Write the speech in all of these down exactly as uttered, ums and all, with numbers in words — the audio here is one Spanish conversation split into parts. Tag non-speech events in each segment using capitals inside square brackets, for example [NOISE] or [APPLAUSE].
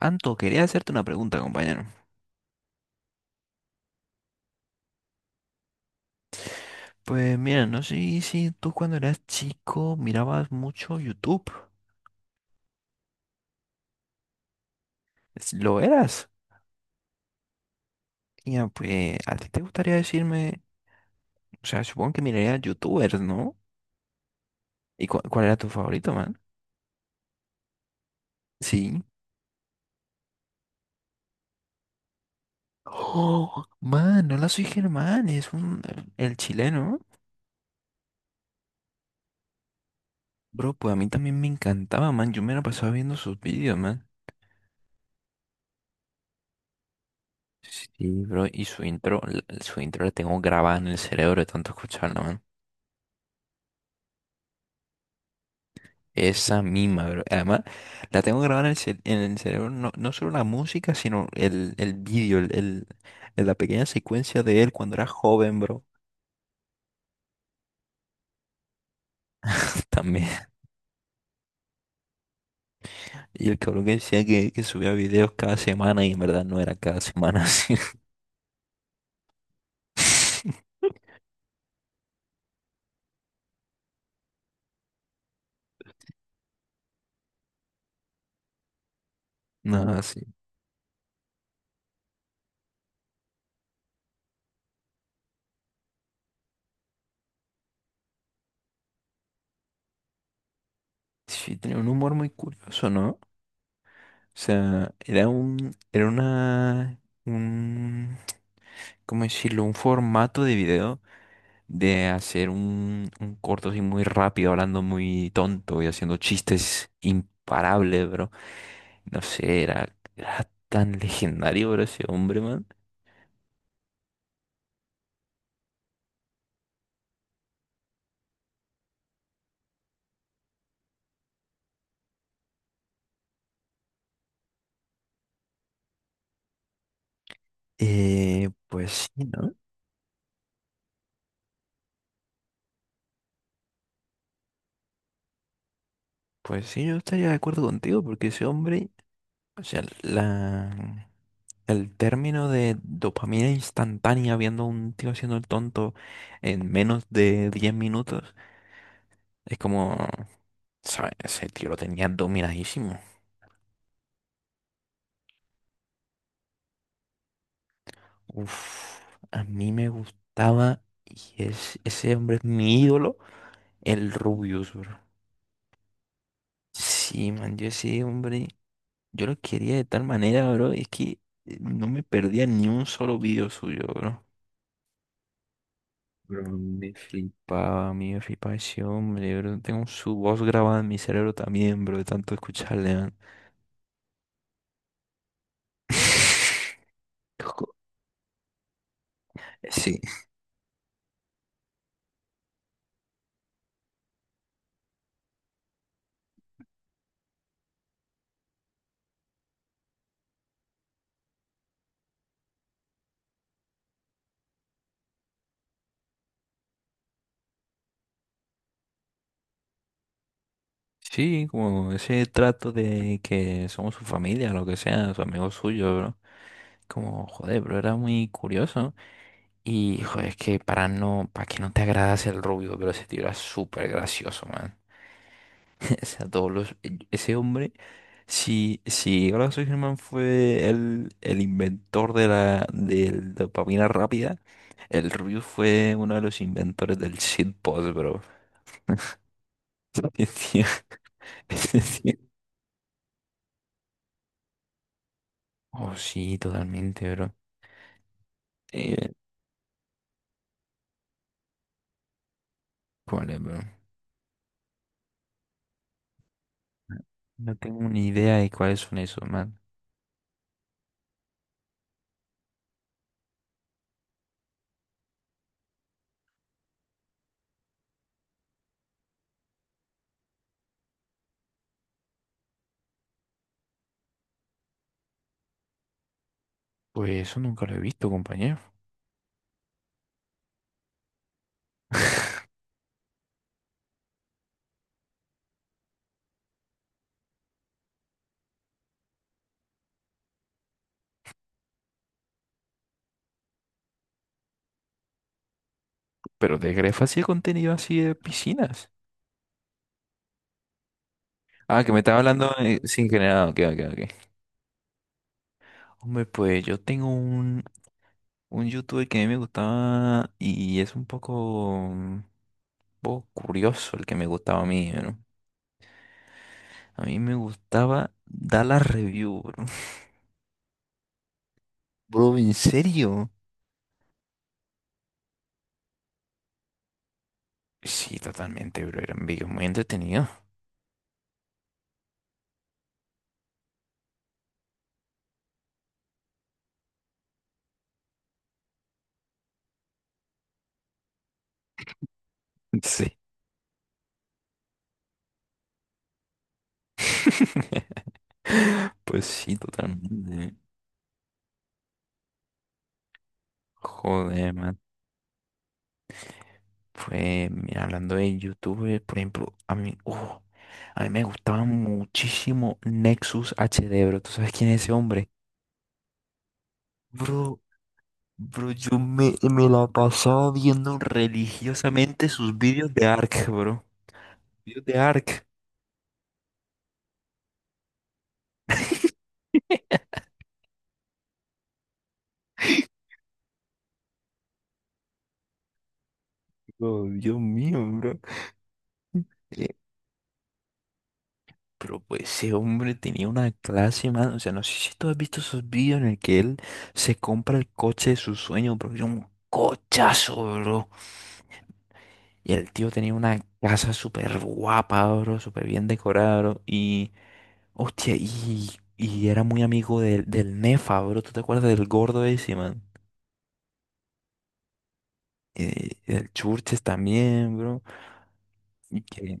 Anto, quería hacerte una pregunta, compañero. Pues mira, no sé si tú cuando eras chico mirabas mucho YouTube. Es- ¿Lo eras? Ya, pues, ¿a ti te gustaría decirme? O sea, supongo que mirarías YouTubers, ¿no? ¿Y cu- cuál era tu favorito, man? Sí. Oh, man, no la soy Germán, es un, el chileno. Bro, pues a mí también me encantaba, man. Yo me la pasaba viendo sus vídeos, man. Sí, bro, y su intro, l- su intro la tengo grabada en el cerebro de tanto escucharla, man. Esa misma, bro. Además, la tengo grabada en el, cel- en el cerebro, no, no solo la música, sino el, el vídeo, el, el- el- la pequeña secuencia de él cuando era joven, bro. [LAUGHS] También. Y el cabrón que decía que, que subía videos cada semana y en verdad no era cada semana así. [LAUGHS] No, sí. Sí, tenía un humor muy curioso, ¿no? O sea, era un, era una, un, ¿cómo decirlo? Un formato de video de hacer un, un corto así muy rápido, hablando muy tonto y haciendo chistes imparables, bro. No sé, era, era tan legendario, bro, ese hombre, man. Eh, pues sí, ¿no? Pues sí, yo estaría de acuerdo contigo, porque ese hombre, o sea, la, el término de dopamina instantánea viendo a un tío haciendo el tonto en menos de diez minutos, es como, ¿sabes? Ese tío lo tenía dominadísimo. Uf, a mí me gustaba, y es, ese hombre es mi ídolo, el Rubius, bro. Sí, man, yo ese hombre, yo lo quería de tal manera, bro, es que eh, no me perdía ni un solo video suyo, bro. Bro, me flipaba, a mí me flipaba ese hombre, bro. Tengo su voz grabada en mi cerebro también, bro, de tanto escucharle, man. [LAUGHS] Flipó. Sí. Sí, como ese trato de que somos su familia, lo que sea, su amigo suyo, bro. Como, joder, bro, era muy curioso. Y, joder, es que para no, para que no te agradas el rubio, pero ese tío era súper gracioso, man. [LAUGHS] O sea, todos los, ese hombre, si, si Horacio Germán fue el, el inventor de la, de la dopamina rápida, el rubio fue uno de los inventores del shitpost, bro. [LAUGHS] Ese tío- ese tío- Oh, sí, totalmente, bro. Eh, ¿Cuál es, bro? No tengo ni idea de cuáles son esos, man. Pues eso nunca lo he visto, compañero. [LAUGHS] Pero de Grefa hacía contenido así de piscinas. Ah, que me estaba hablando eh, sin generado. Ok, ok, ok. Hombre, pues yo tengo un, un youtuber que a mí me gustaba y es un poco, un poco curioso el que me gustaba a mí, ¿eh, ¿no? A mí me gustaba dar la review, bro. [LAUGHS] Bro, ¿en serio? Sí, totalmente, bro. Eran videos muy entretenidos. [LAUGHS] Sí. [LAUGHS] Pues sí, totalmente. Joder, man. Fue, mira, hablando de YouTube, por ejemplo, a mí, uh, a mí me gustaba muchísimo Nexus H HD, bro. ¿Tú sabes quién es ese hombre? Bro, bro, yo me, me la pasaba viendo religiosamente sus vídeos de Ark, bro. Vídeos de Ark. Oh, Dios mío, bro. Eh, pero pues ese hombre tenía una clase, mano. O sea, no sé si tú has visto esos vídeos en el que él se compra el coche de sus sueños, bro. Era un cochazo, bro. Y el tío tenía una casa súper guapa, bro, súper bien decorada, bro. Y, hostia, y, y era muy amigo del, del Nefa, bro. ¿Tú te acuerdas del gordo ese, man? Eh, el Churches también, bro. Y que,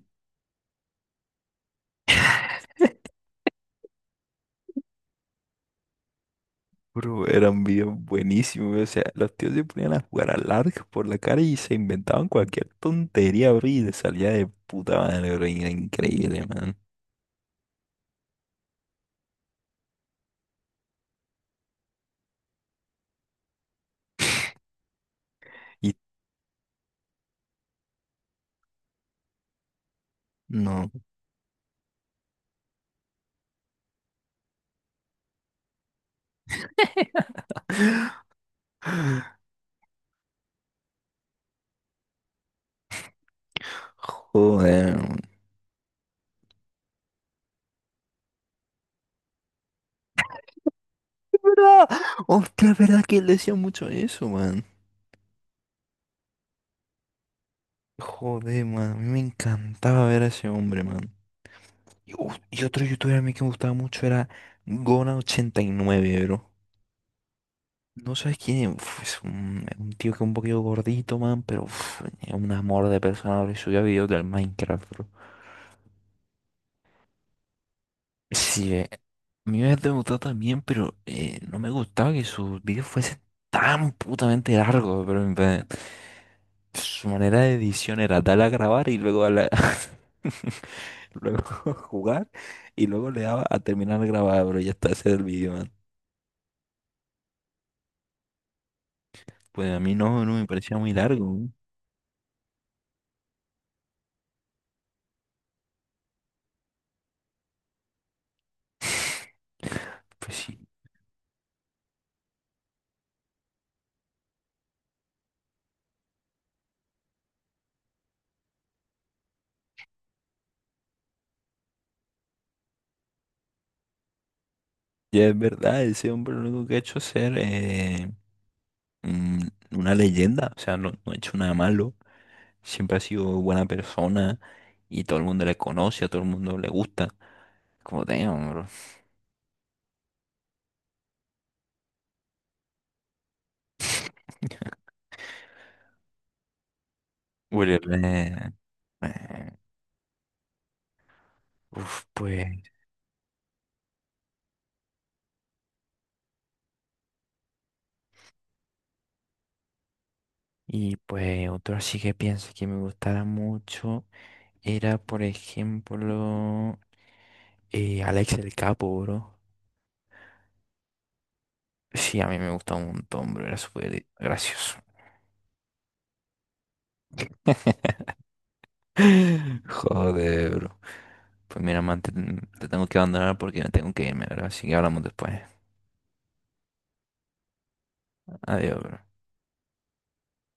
bro, eran bien buenísimos, bro. O sea, los tíos se ponían a jugar al arco por la cara y se inventaban cualquier tontería, bro. Y les salía de puta madre, bro, y era increíble, man. Y no, joder, man. ¿Verdad? Hostia, es verdad que él decía mucho eso, man. Joder, man, a mí me encantaba ver a ese hombre, man. Y, uf, y otro youtuber a mí que me gustaba mucho era gona ochenta y nueve, bro. No sabes quién es, uf, es un, un tío que es un poquito gordito, man, pero uf, es un amor de persona, bro, y subía videos del Minecraft, bro. Sí, eh, a mí me gustado también, pero eh, no me gustaba que sus videos fuesen tan putamente largos, bro. Su manera de edición era darle a grabar y luego darle a- [LAUGHS] luego [LAUGHS] jugar y luego le daba a terminar de grabar, pero ya está, ese era el video, man. Pues a mí no, no me parecía muy largo. ¿No? [LAUGHS] Pues sí, ya es verdad, ese hombre lo único que ha hecho es ser eh, mm, una leyenda, o sea, no, no ha hecho nada malo, siempre ha sido buena persona y todo el mundo le conoce, a todo el mundo le gusta, como damn, bro. [LAUGHS] Willy Rex, eh, uf, pues y pues otro así que pienso que me gustara mucho era, por ejemplo, eh, Alex el Capo, bro. Sí, a mí me gustaba un montón, bro. Era súper gracioso. [LAUGHS] Joder, bro. Pues mira, man, te, te tengo que abandonar porque tengo que irme, bro. Así que hablamos después. Adiós, bro.